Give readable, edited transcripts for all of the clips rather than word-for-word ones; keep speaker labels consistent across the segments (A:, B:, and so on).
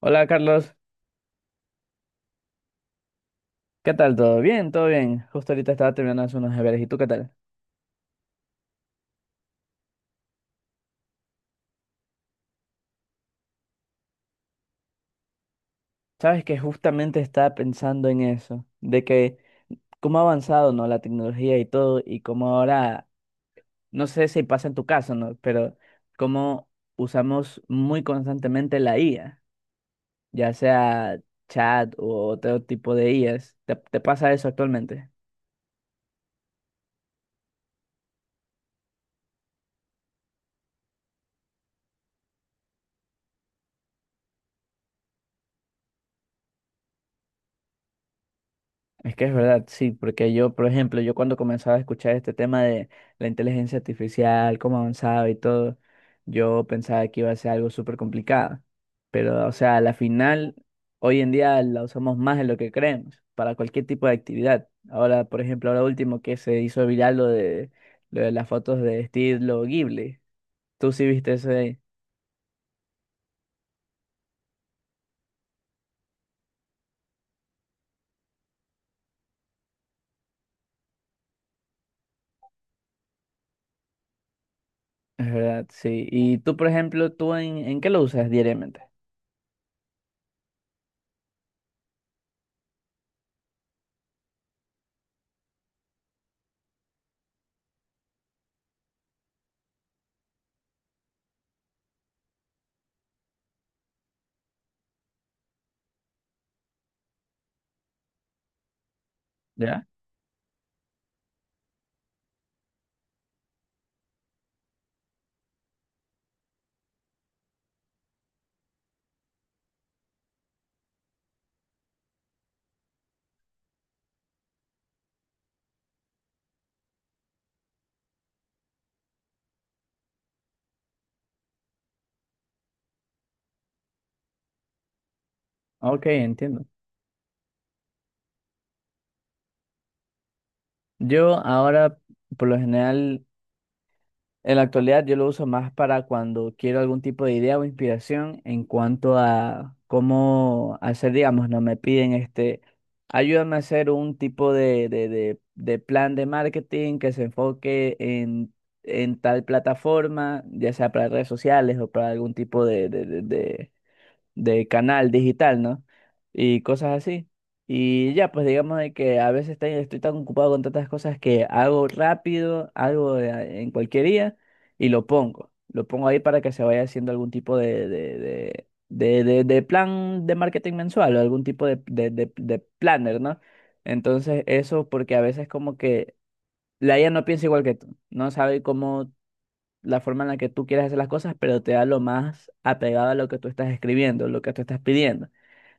A: Hola Carlos, ¿qué tal? ¿Todo bien? ¿Todo bien? Justo ahorita estaba terminando de hacer unos deberes. ¿Y tú qué tal? Sabes que justamente estaba pensando en eso, de que cómo ha avanzado, ¿no? La tecnología y todo, y cómo ahora, no sé si pasa en tu caso, ¿no? Pero cómo usamos muy constantemente la IA, ya sea chat o otro tipo de IAs. ¿Te pasa eso actualmente? Es que es verdad, sí, porque yo, por ejemplo, yo cuando comenzaba a escuchar este tema de la inteligencia artificial, cómo avanzaba y todo, yo pensaba que iba a ser algo súper complicado. Pero, o sea, a la final, hoy en día la usamos más de lo que creemos, para cualquier tipo de actividad. Ahora, por ejemplo, ahora último que se hizo viral lo de las fotos de estilo Ghibli. Tú sí viste eso de ahí. Es verdad, sí. Y tú, por ejemplo, ¿tú en qué lo usas diariamente? ¿Ya? Ok, entiendo. Yo ahora, por lo general, en la actualidad, yo lo uso más para cuando quiero algún tipo de idea o inspiración en cuanto a cómo hacer, digamos, no me piden este, ayúdame a hacer un tipo de plan de marketing que se enfoque en tal plataforma, ya sea para redes sociales o para algún tipo de canal digital, ¿no? Y cosas así. Y ya, pues digamos de que a veces estoy, estoy tan ocupado con tantas cosas que hago rápido, en cualquier día y lo pongo. Lo pongo ahí para que se vaya haciendo algún tipo de plan de marketing mensual o algún tipo de planner, ¿no? Entonces eso porque a veces como que la IA no piensa igual que tú, no sabe cómo la forma en la que tú quieres hacer las cosas, pero te da lo más apegado a lo que tú estás escribiendo, lo que tú estás pidiendo.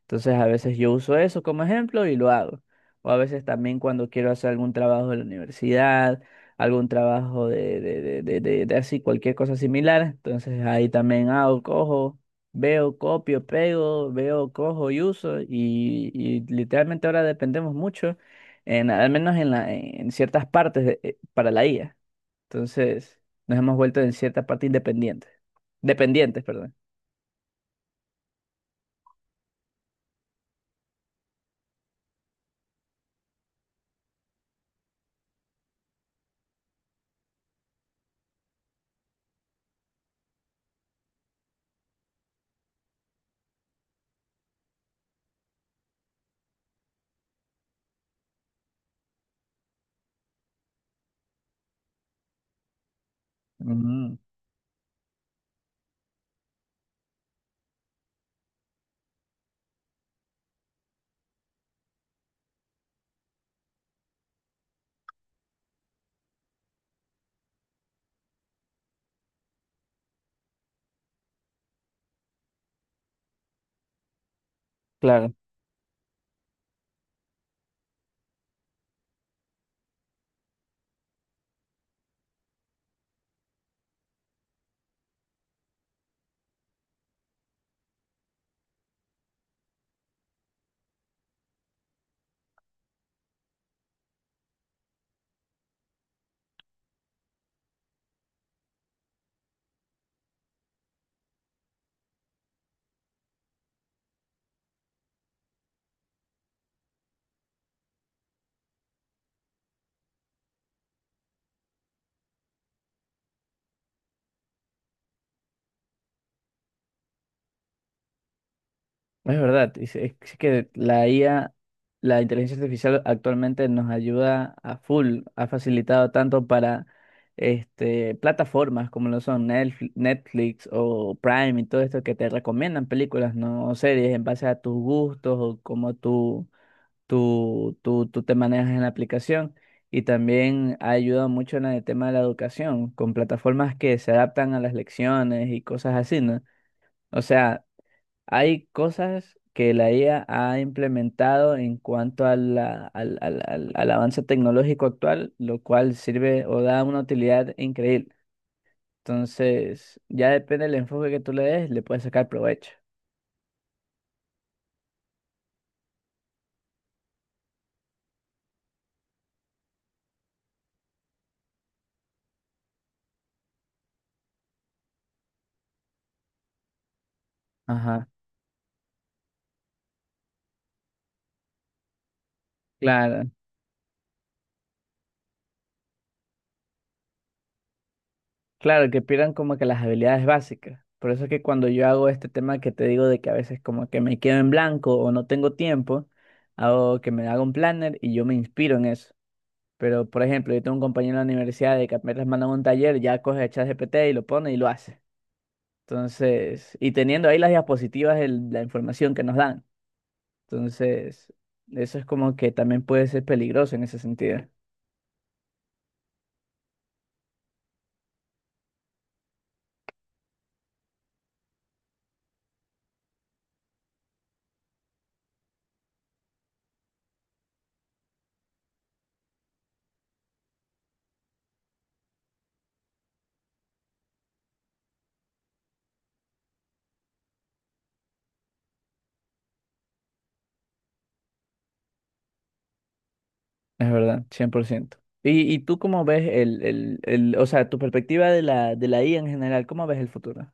A: Entonces, a veces yo uso eso como ejemplo y lo hago. O a veces también cuando quiero hacer algún trabajo de la universidad, algún trabajo de así, cualquier cosa similar. Entonces, ahí también hago, cojo, veo, copio, pego, veo, cojo y uso. Y literalmente ahora dependemos mucho, en, al menos en, la, en ciertas partes para la IA. Entonces, nos hemos vuelto en cierta parte independientes. Dependientes, perdón. Ujú, claro, es verdad. Es, que la IA, la inteligencia artificial actualmente nos ayuda a full, ha facilitado tanto para este, plataformas como lo son Netflix o Prime y todo esto que te recomiendan películas, ¿no? O series en base a tus gustos o como tú te manejas en la aplicación y también ha ayudado mucho en el tema de la educación, con plataformas que se adaptan a las lecciones y cosas así, ¿no? O sea, hay cosas que la IA ha implementado en cuanto a al avance tecnológico actual, lo cual sirve o da una utilidad increíble. Entonces, ya depende del enfoque que tú le des, le puedes sacar provecho. Ajá, claro. Claro, que pierdan como que las habilidades básicas. Por eso es que cuando yo hago este tema que te digo de que a veces como que me quedo en blanco o no tengo tiempo, hago que me haga un planner y yo me inspiro en eso. Pero, por ejemplo, yo tengo un compañero en la universidad de que apenas mandan un taller, ya coge GPT y lo pone y lo hace. Entonces, y teniendo ahí las diapositivas de la información que nos dan. Entonces, eso es como que también puede ser peligroso en ese sentido. Es verdad, 100%. ¿Y tú cómo ves o sea, tu perspectiva de de la IA en general, cómo ves el futuro?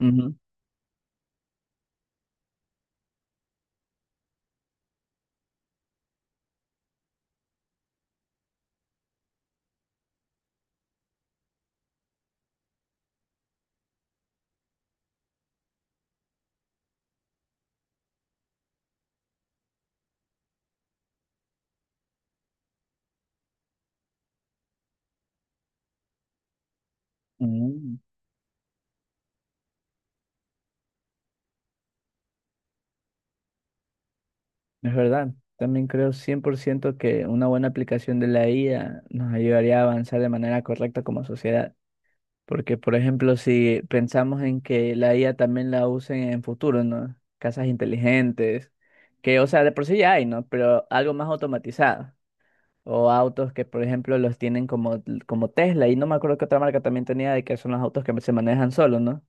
A: Ujú. Mm, es verdad, también creo 100% que una buena aplicación de la IA nos ayudaría a avanzar de manera correcta como sociedad. Porque, por ejemplo, si pensamos en que la IA también la usen en futuro, ¿no? Casas inteligentes, que, o sea, de por sí ya hay, ¿no? Pero algo más automatizado. O autos que, por ejemplo, los tienen como, como Tesla. Y no me acuerdo qué otra marca también tenía de que son los autos que se manejan solos, ¿no?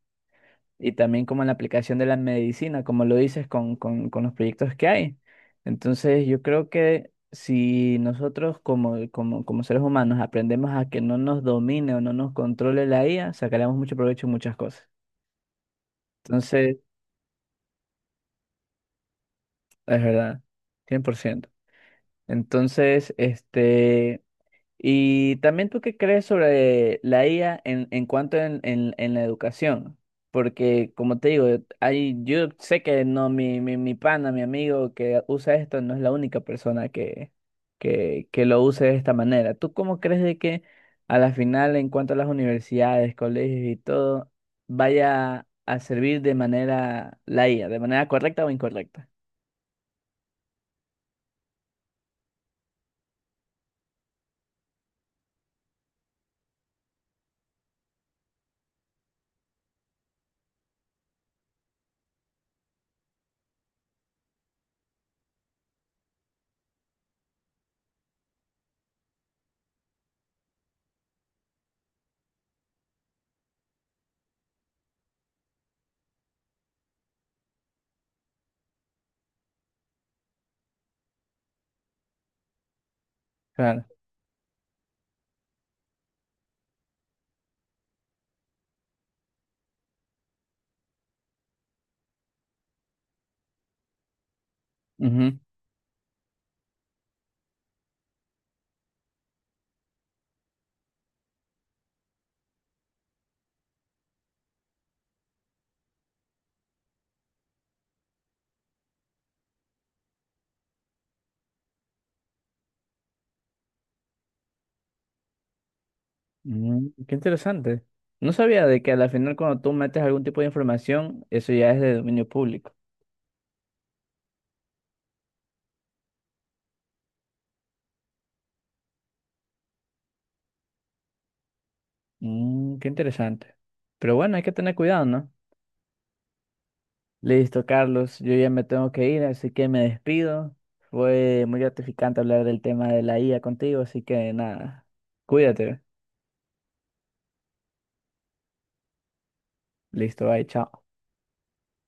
A: Y también como en la aplicación de la medicina, como lo dices con los proyectos que hay. Entonces, yo creo que si nosotros como seres humanos aprendemos a que no nos domine o no nos controle la IA, sacaremos mucho provecho en muchas cosas. Entonces, es verdad, cien por ciento. Entonces, este... Y también tú qué crees sobre la IA en cuanto en la educación, porque como te digo, hay, yo sé que no, mi pana, mi amigo que usa esto no es la única persona que, que lo use de esta manera. ¿Tú cómo crees de que a la final en cuanto a las universidades, colegios y todo, vaya a servir de manera la IA, de manera correcta o incorrecta? Claro. Ujú. Mm, qué interesante. No sabía de que a la final cuando tú metes algún tipo de información, eso ya es de dominio público. Mm, qué interesante. Pero bueno, hay que tener cuidado, ¿no? Listo, Carlos, yo ya me tengo que ir, así que me despido. Fue muy gratificante hablar del tema de la IA contigo, así que nada, cuídate. Listo, bye, chao.